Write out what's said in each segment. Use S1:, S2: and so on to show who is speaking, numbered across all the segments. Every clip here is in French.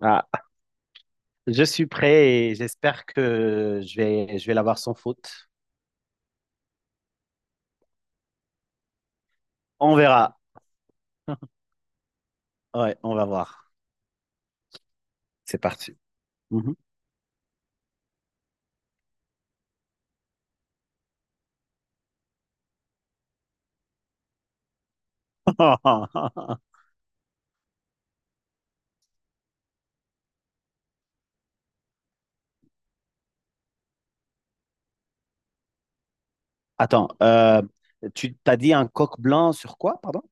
S1: Ah, je suis prêt et j'espère que je vais l'avoir sans faute. On verra. Ouais, on va voir. C'est parti. Mhm. Attends, tu t'as dit un coq blanc sur quoi, pardon?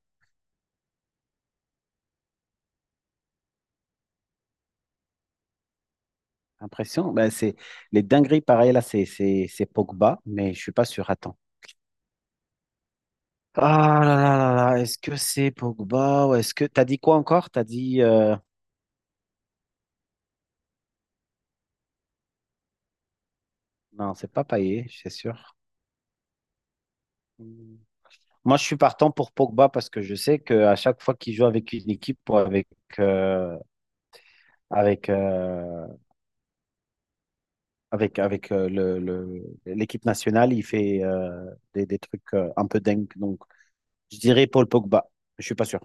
S1: Impression. Ben, c'est les dingueries, pareil, là, c'est Pogba, mais je suis pas sûr. Attends. Ah là là là là, est-ce que c'est Pogba ou est-ce que t'as dit quoi encore? T'as dit non, c'est pas Payet, c'est sûr. Moi, je suis partant pour Pogba parce que je sais qu'à chaque fois qu'il joue avec une équipe ou euh, avec, euh, avec l'équipe nationale, il fait des trucs un peu dingues. Donc, je dirais Paul Pogba. Je suis pas sûr.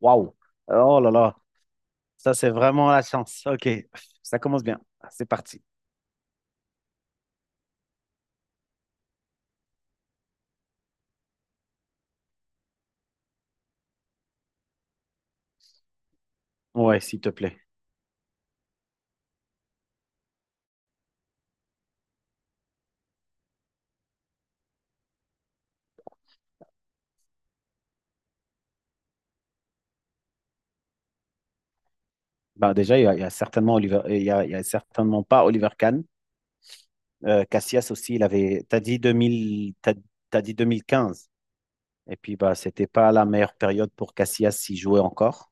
S1: Waouh! Oh là là! Ça, c'est vraiment la chance. OK. Ça commence bien. C'est parti. Ouais, s'il te plaît. Ben, déjà, il y a certainement Oliver, il y a certainement pas Oliver Kahn. Cassias aussi, il avait. T'as dit 2015. Et puis, bah, c'était pas la meilleure période pour Casillas s'y jouait encore.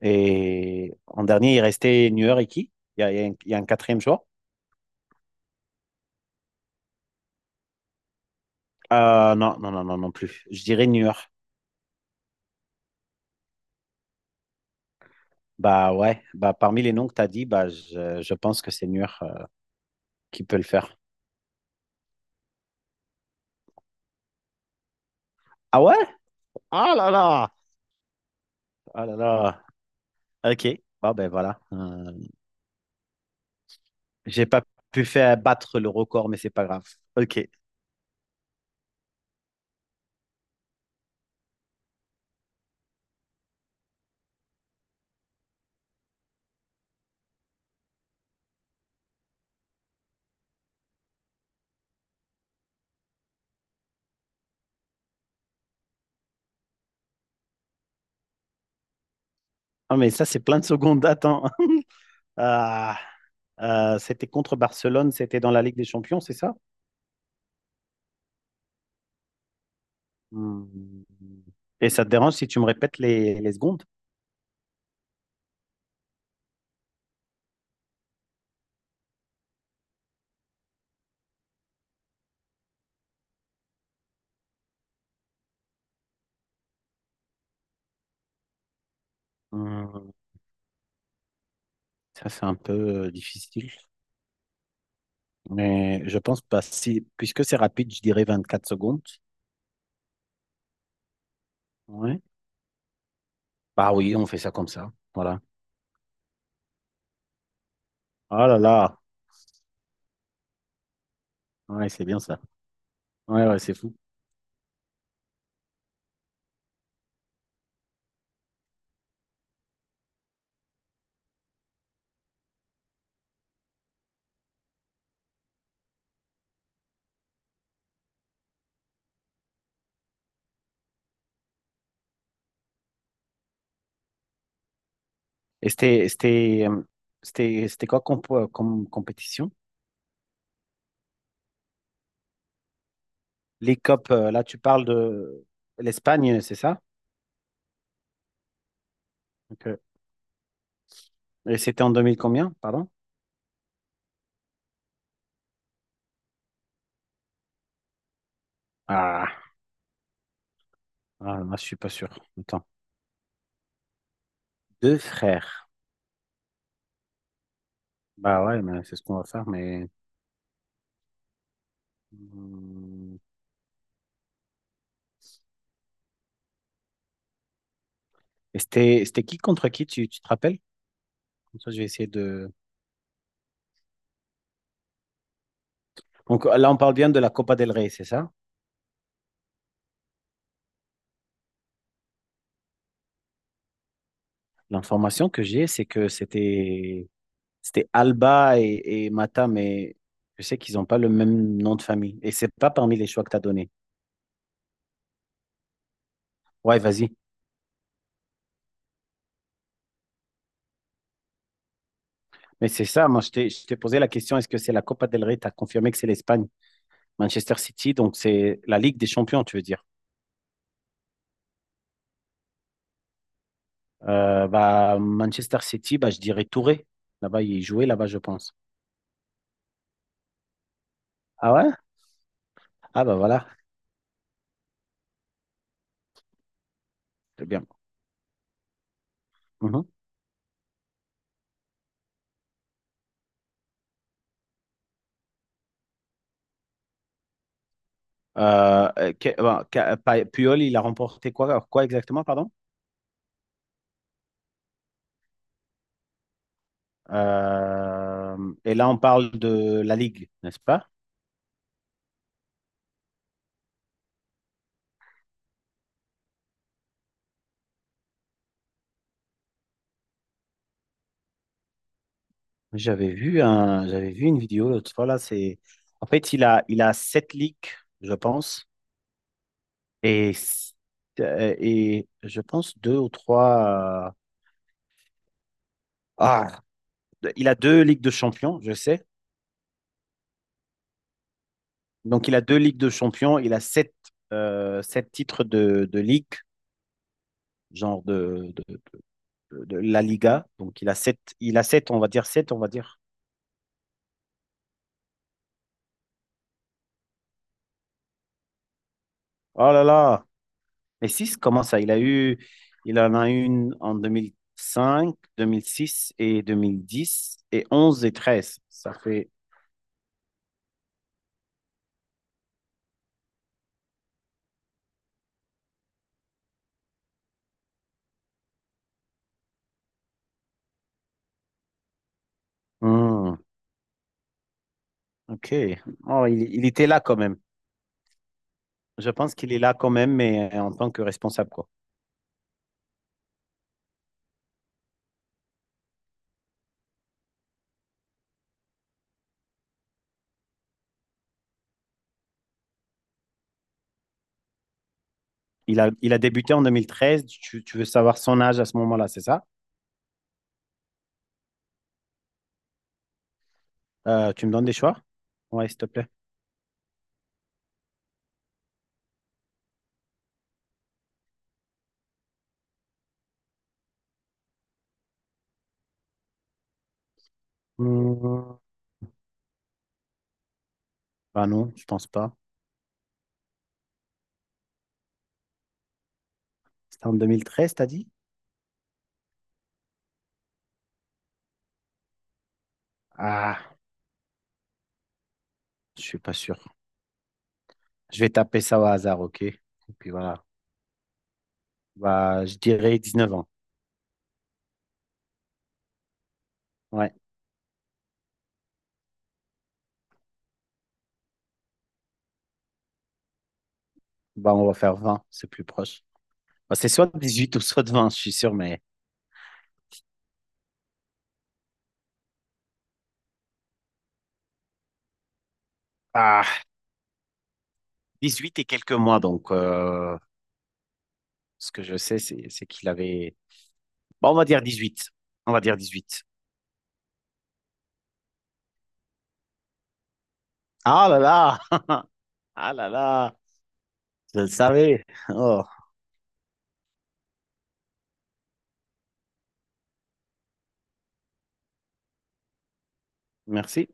S1: Et en dernier, il restait Neuer et qui? Il y a un, il y a un quatrième joueur? Non, non, non, non, non plus. Je dirais Neuer. Bah ouais, bah parmi les noms que tu as dit, bah je pense que c'est Neuer, qui peut le faire. Ah ouais? Ah là là! Ah là là! Ok, bah ben voilà. J'ai pas pu faire battre le record, mais c'est pas grave. Ok. Ah mais ça, c'est plein de secondes. Attends. Ah, c'était contre Barcelone, c'était dans la Ligue des Champions, c'est ça? Hmm. Et ça te dérange si tu me répètes les secondes? Hmm. Ça, c'est un peu difficile. Mais je pense pas. Si, puisque c'est rapide, je dirais 24 secondes. Ouais. Bah oui, on fait ça comme ça. Voilà. Oh là là. Ouais, c'est bien ça. Ouais, ouais, c'est fou. Et c'était quoi comme, comme compétition? Les COP, là, tu parles de l'Espagne, c'est ça? Ok. Et c'était en 2000 combien, pardon? Ah, ah, là, je suis pas sûr. Attends. Deux frères. Bah ouais, mais c'est ce qu'on va faire, mais... Hmm. Et c'était qui contre qui, tu te rappelles? Comme ça, je vais essayer de. Donc là, on parle bien de la Copa del Rey, c'est ça? L'information que j'ai, c'est que c'était Alba et Mata, mais je sais qu'ils n'ont pas le même nom de famille. Et c'est pas parmi les choix que tu as donné. Ouais, vas-y. Mais c'est ça, moi, je t'ai posé la question, est-ce que c'est la Copa del Rey? Tu as confirmé que c'est l'Espagne. Manchester City, donc c'est la Ligue des Champions, tu veux dire. Bah, Manchester City, bah, je dirais Touré. Là-bas, il jouait là-bas, je pense. Ah ouais? Ah bah voilà, c'est bien. Mhm. Bah, Puyol, il a remporté quoi, quoi exactement, pardon? Et là, on parle de la Ligue, n'est-ce pas? J'avais vu une vidéo l'autre fois là, c'est en fait il a sept ligues, je pense, et s- et je pense deux ou trois. Ah, il a deux ligues de champions, je sais. Donc il a deux ligues de champions, il a sept titres de ligue, genre de de de la Liga. Donc il a sept, on va dire sept, on va dire. Oh là là. Mais 6 comment ça? Il en a eu une en deux mille cinq, 2006 et 2010 et 11 et treize. Ça fait. Hmm, ok. Oh, il était là quand même. Je pense qu'il est là quand même, mais en tant que responsable, quoi. Il a débuté en 2013. Tu veux savoir son âge à ce moment-là, c'est ça? Tu me donnes des choix? Ouais, s'il te plaît. Hmm. Bah non, je pense pas. C'était en 2013, t'as dit? Ah, je suis pas sûr. Je vais taper ça au hasard, ok? Et puis voilà. Bah, je dirais 19 ans. Ouais. Bah, on va faire 20, c'est plus proche. Bah, c'est soit 18 ou soit 20, je suis sûr, mais ah, 18 et quelques mois. Donc, ce que je sais, c'est qu'il avait. Bah, on va dire 18. On va dire dix-huit. Ah là là! Ah là là! Je le savais. Oh, merci.